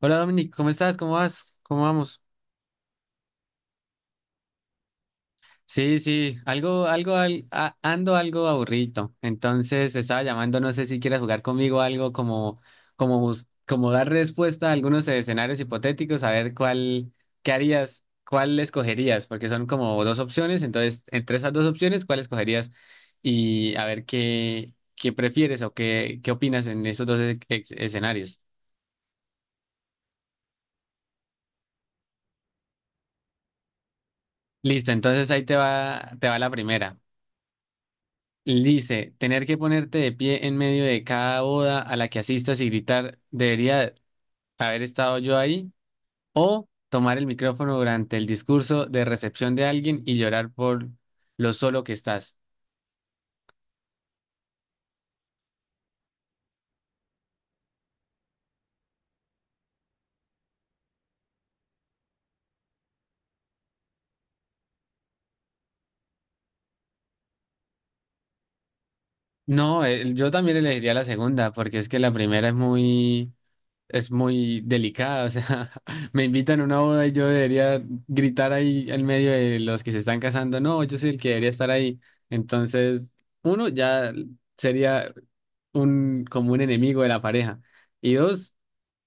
Hola Dominic, ¿cómo estás? ¿Cómo vas? ¿Cómo vamos? Sí, sí, ando algo aburrido. Entonces estaba llamando, no sé si quieres jugar conmigo algo como, como dar respuesta a algunos escenarios hipotéticos, qué harías, cuál escogerías, porque son como dos opciones. Entonces, entre esas dos opciones, ¿cuál escogerías? Y qué prefieres o qué opinas en esos dos escenarios. Listo, entonces ahí te va la primera. Lice, tener que ponerte de pie en medio de cada boda a la que asistas y gritar, ¿debería haber estado yo ahí? O tomar el micrófono durante el discurso de recepción de alguien y llorar por lo solo que estás. No, yo también elegiría la segunda, porque es que la primera es muy delicada. O sea, me invitan a una boda y yo debería gritar ahí en medio de los que se están casando. No, yo soy el que debería estar ahí. Entonces, uno ya sería como un enemigo de la pareja. Y dos,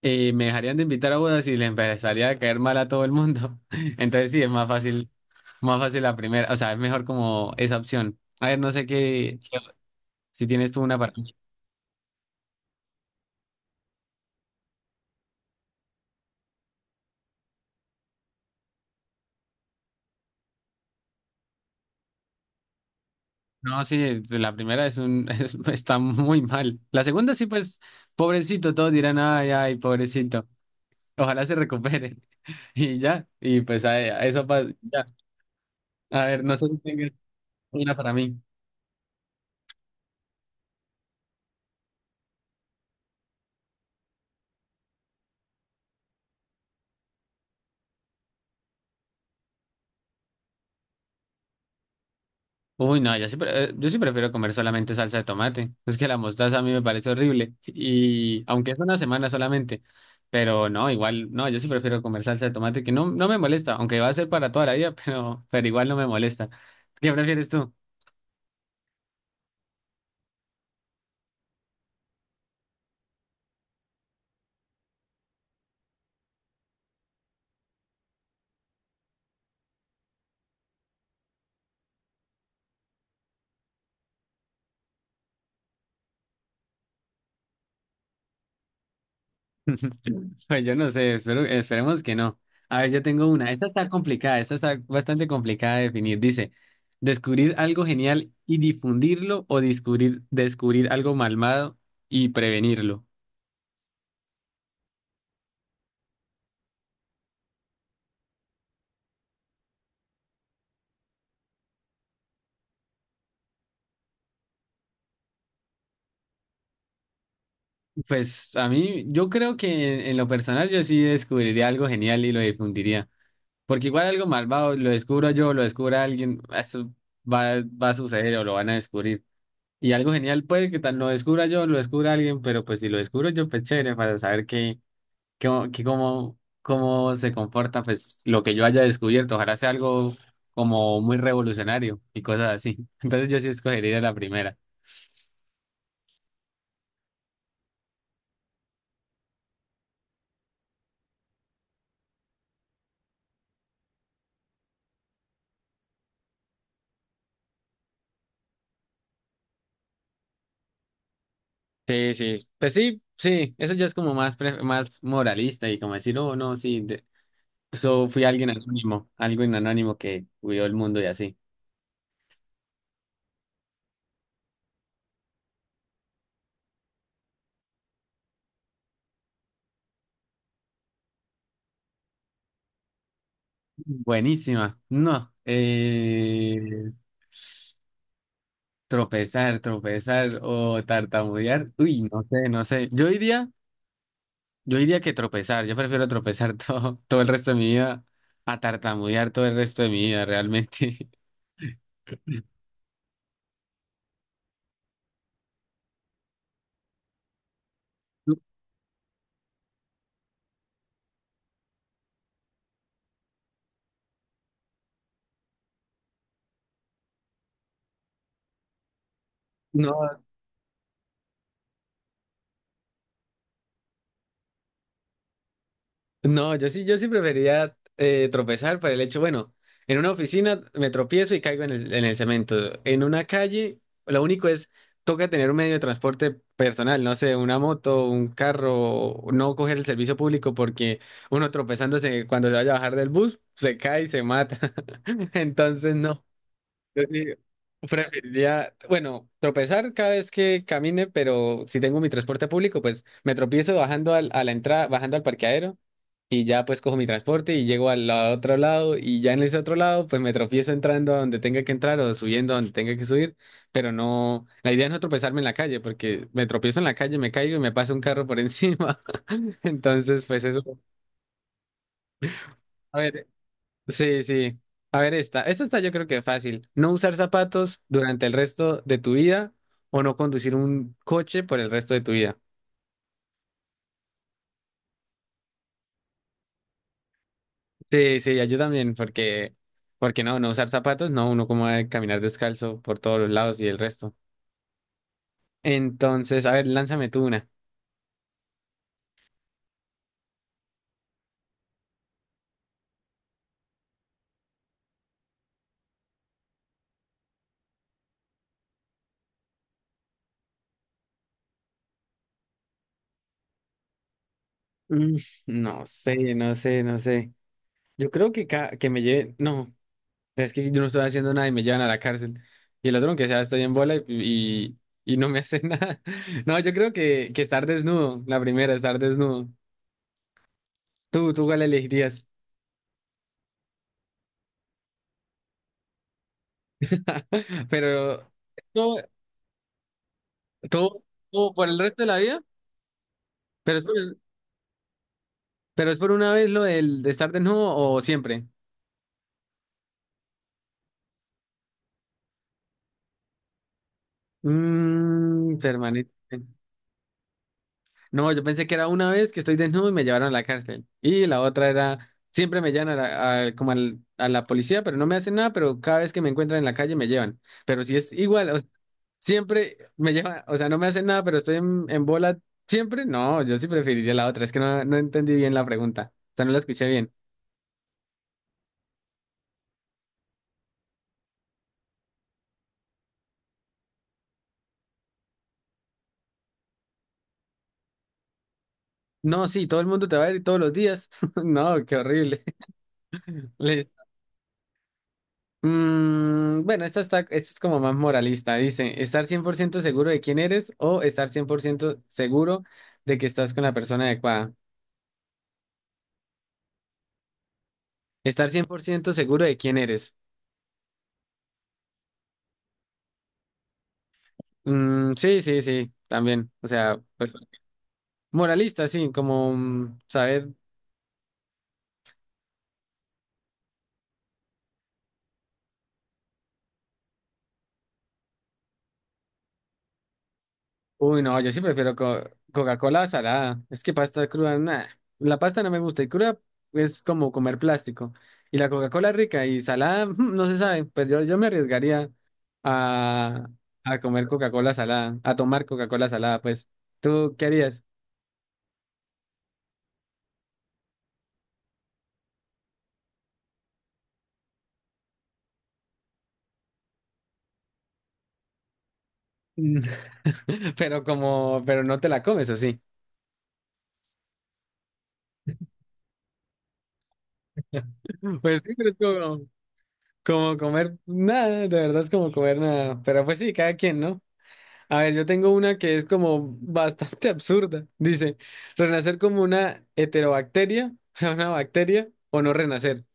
me dejarían de invitar a bodas y le empezaría a caer mal a todo el mundo. Entonces sí, más fácil la primera, o sea, es mejor como esa opción. A ver, no sé qué, si tienes tú una para mí. No, sí, la primera es un, está muy mal. La segunda sí, pues, pobrecito, todos dirán, ay, ay, pobrecito. Ojalá se recupere. Y ya, y pues a eso pasa. Ya. A ver, no sé si tengas una para mí. Uy, no, yo sí prefiero comer solamente salsa de tomate. Es que la mostaza a mí me parece horrible. Y aunque es una semana solamente, pero no, igual, no, yo sí prefiero comer salsa de tomate que no, no me molesta, aunque va a ser para toda la vida, pero igual no me molesta. ¿Qué prefieres tú? Pues yo no sé, espero, esperemos que no. A ver, yo tengo una. Esta está complicada, esta está bastante complicada de definir. Dice, descubrir algo genial y difundirlo o descubrir algo malvado y prevenirlo. Pues a mí, yo creo que en lo personal yo sí descubriría algo genial y lo difundiría. Porque igual algo malvado, lo descubro yo, lo descubra alguien, eso va a suceder o lo van a descubrir. Y algo genial puede que tal lo descubra yo, lo descubra alguien, pero pues si lo descubro yo, pues chévere, para saber que cómo se comporta pues lo que yo haya descubierto. Ojalá sea algo como muy revolucionario y cosas así. Entonces yo sí escogería la primera. Sí, sí, pues sí, sí, eso ya es como más moralista y como decir, oh, no, sí, fui alguien anónimo que cuidó el mundo y así. Buenísima, no, tropezar o tartamudear, uy, no sé, no sé, yo diría que tropezar, yo prefiero tropezar todo el resto de mi vida a tartamudear todo el resto de mi vida, realmente. No, no, yo sí preferiría tropezar para el hecho, bueno, en una oficina me tropiezo y caigo en en el cemento. En una calle, lo único es, toca tener un medio de transporte personal, no sé, una moto, un carro, no coger el servicio público porque uno tropezándose cuando se vaya a bajar del bus, se cae y se mata. Entonces, no. Yo sí preferiría, bueno, tropezar cada vez que camine, pero si tengo mi transporte público, pues me tropiezo a la entrada, bajando al parqueadero y ya pues cojo mi transporte y llego al otro lado y ya en ese otro lado pues me tropiezo entrando a donde tenga que entrar o subiendo a donde tenga que subir, pero no, la idea es no tropezarme en la calle porque me tropiezo en la calle, me caigo y me pasa un carro por encima. Entonces pues eso. A ver, sí, sí. A ver esta, esta está yo creo que fácil. No usar zapatos durante el resto de tu vida o no conducir un coche por el resto de tu vida. Sí, sí, yo también, porque, porque no, no usar zapatos, no, uno como va a caminar descalzo por todos los lados y el resto. Entonces, a ver, lánzame tú una. Mm, no sé, no sé, no sé. Yo creo que que me lleven, no, es que yo no estoy haciendo nada y me llevan a la cárcel. Y el otro, aunque sea, estoy en bola y no me hacen nada. No, yo creo que estar desnudo, la primera, estar desnudo. Tú, ¿cuál elegirías? Pero, ¿todo, todo, todo por el resto de la vida? Pero es ¿Pero es por una vez lo del de estar desnudo o siempre? Mmm, permanente. No, yo pensé que era una vez que estoy desnudo y me llevaron a la cárcel. Y la otra era, siempre me llevan a la, a- como al- a la policía, pero no me hacen nada, pero cada vez que me encuentran en la calle me llevan. Pero si es igual, o sea, siempre me llevan, o sea, no me hacen nada, pero estoy en bola siempre. No, yo sí preferiría la otra, es que no, no entendí bien la pregunta, o sea, no la escuché bien. No, sí, todo el mundo te va a ver todos los días. No, qué horrible. Mm, bueno, esta es como más moralista. Dice, estar 100% seguro de quién eres o estar 100% seguro de que estás con la persona adecuada. Estar 100% seguro de quién eres. Mm, sí, sí, sí, también. O sea, pues, moralista, sí, como mm, saber. Uy, no, yo sí prefiero co- Coca-Cola salada. Es que pasta cruda, nada. La pasta no me gusta y cruda es como comer plástico. Y la Coca-Cola rica y salada, mm, no se sabe. Pues yo me arriesgaría. a, a comer Coca-Cola salada, a tomar Coca-Cola salada, pues, ¿tú qué harías? Pero como, pero no te la comes, ¿o sí? Pues sí, pero es como, como comer nada, de verdad es como comer nada. Pero pues sí, cada quien, ¿no? A ver, yo tengo una que es como bastante absurda. Dice, renacer como una heterobacteria, o sea, una bacteria, o no renacer.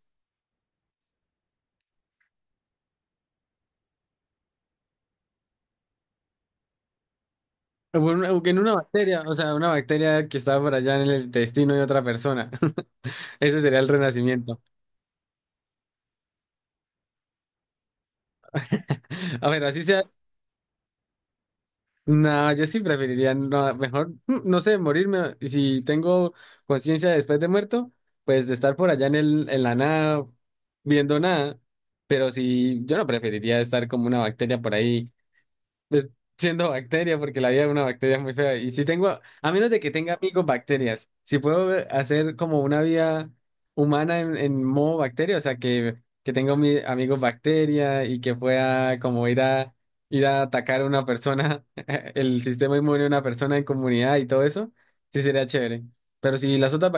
O que en una bacteria, o sea, una bacteria que está por allá en el intestino de otra persona. Ese sería el renacimiento. A ver, así sea. No, yo sí preferiría, no, mejor, mm, no sé, morirme. Si tengo conciencia después de muerto, pues de estar por allá en en la nada, viendo nada. Pero si yo no preferiría estar como una bacteria por ahí pues, siendo bacteria, porque la vida de una bacteria es muy fea. Y si tengo, a menos de que tenga amigos bacterias, si puedo hacer como una vida humana en modo bacteria, o sea, que tenga mi, amigos bacteria y que pueda como ir a atacar a una persona, el sistema inmune de una persona en comunidad y todo eso, sí sería chévere. Pero si las otras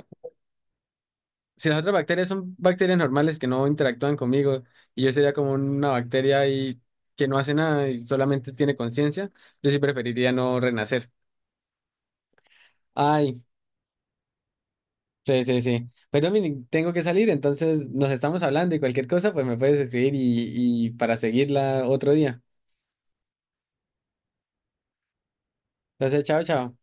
si las otras bacterias son bacterias normales que no interactúan conmigo y yo sería como una bacteria y que no hace nada y solamente tiene conciencia, yo sí preferiría no renacer. Ay, sí, sí, sí. Pues Dominic, tengo que salir, entonces nos estamos hablando y cualquier cosa, pues me puedes escribir y para seguirla otro día. Entonces, chao, chao.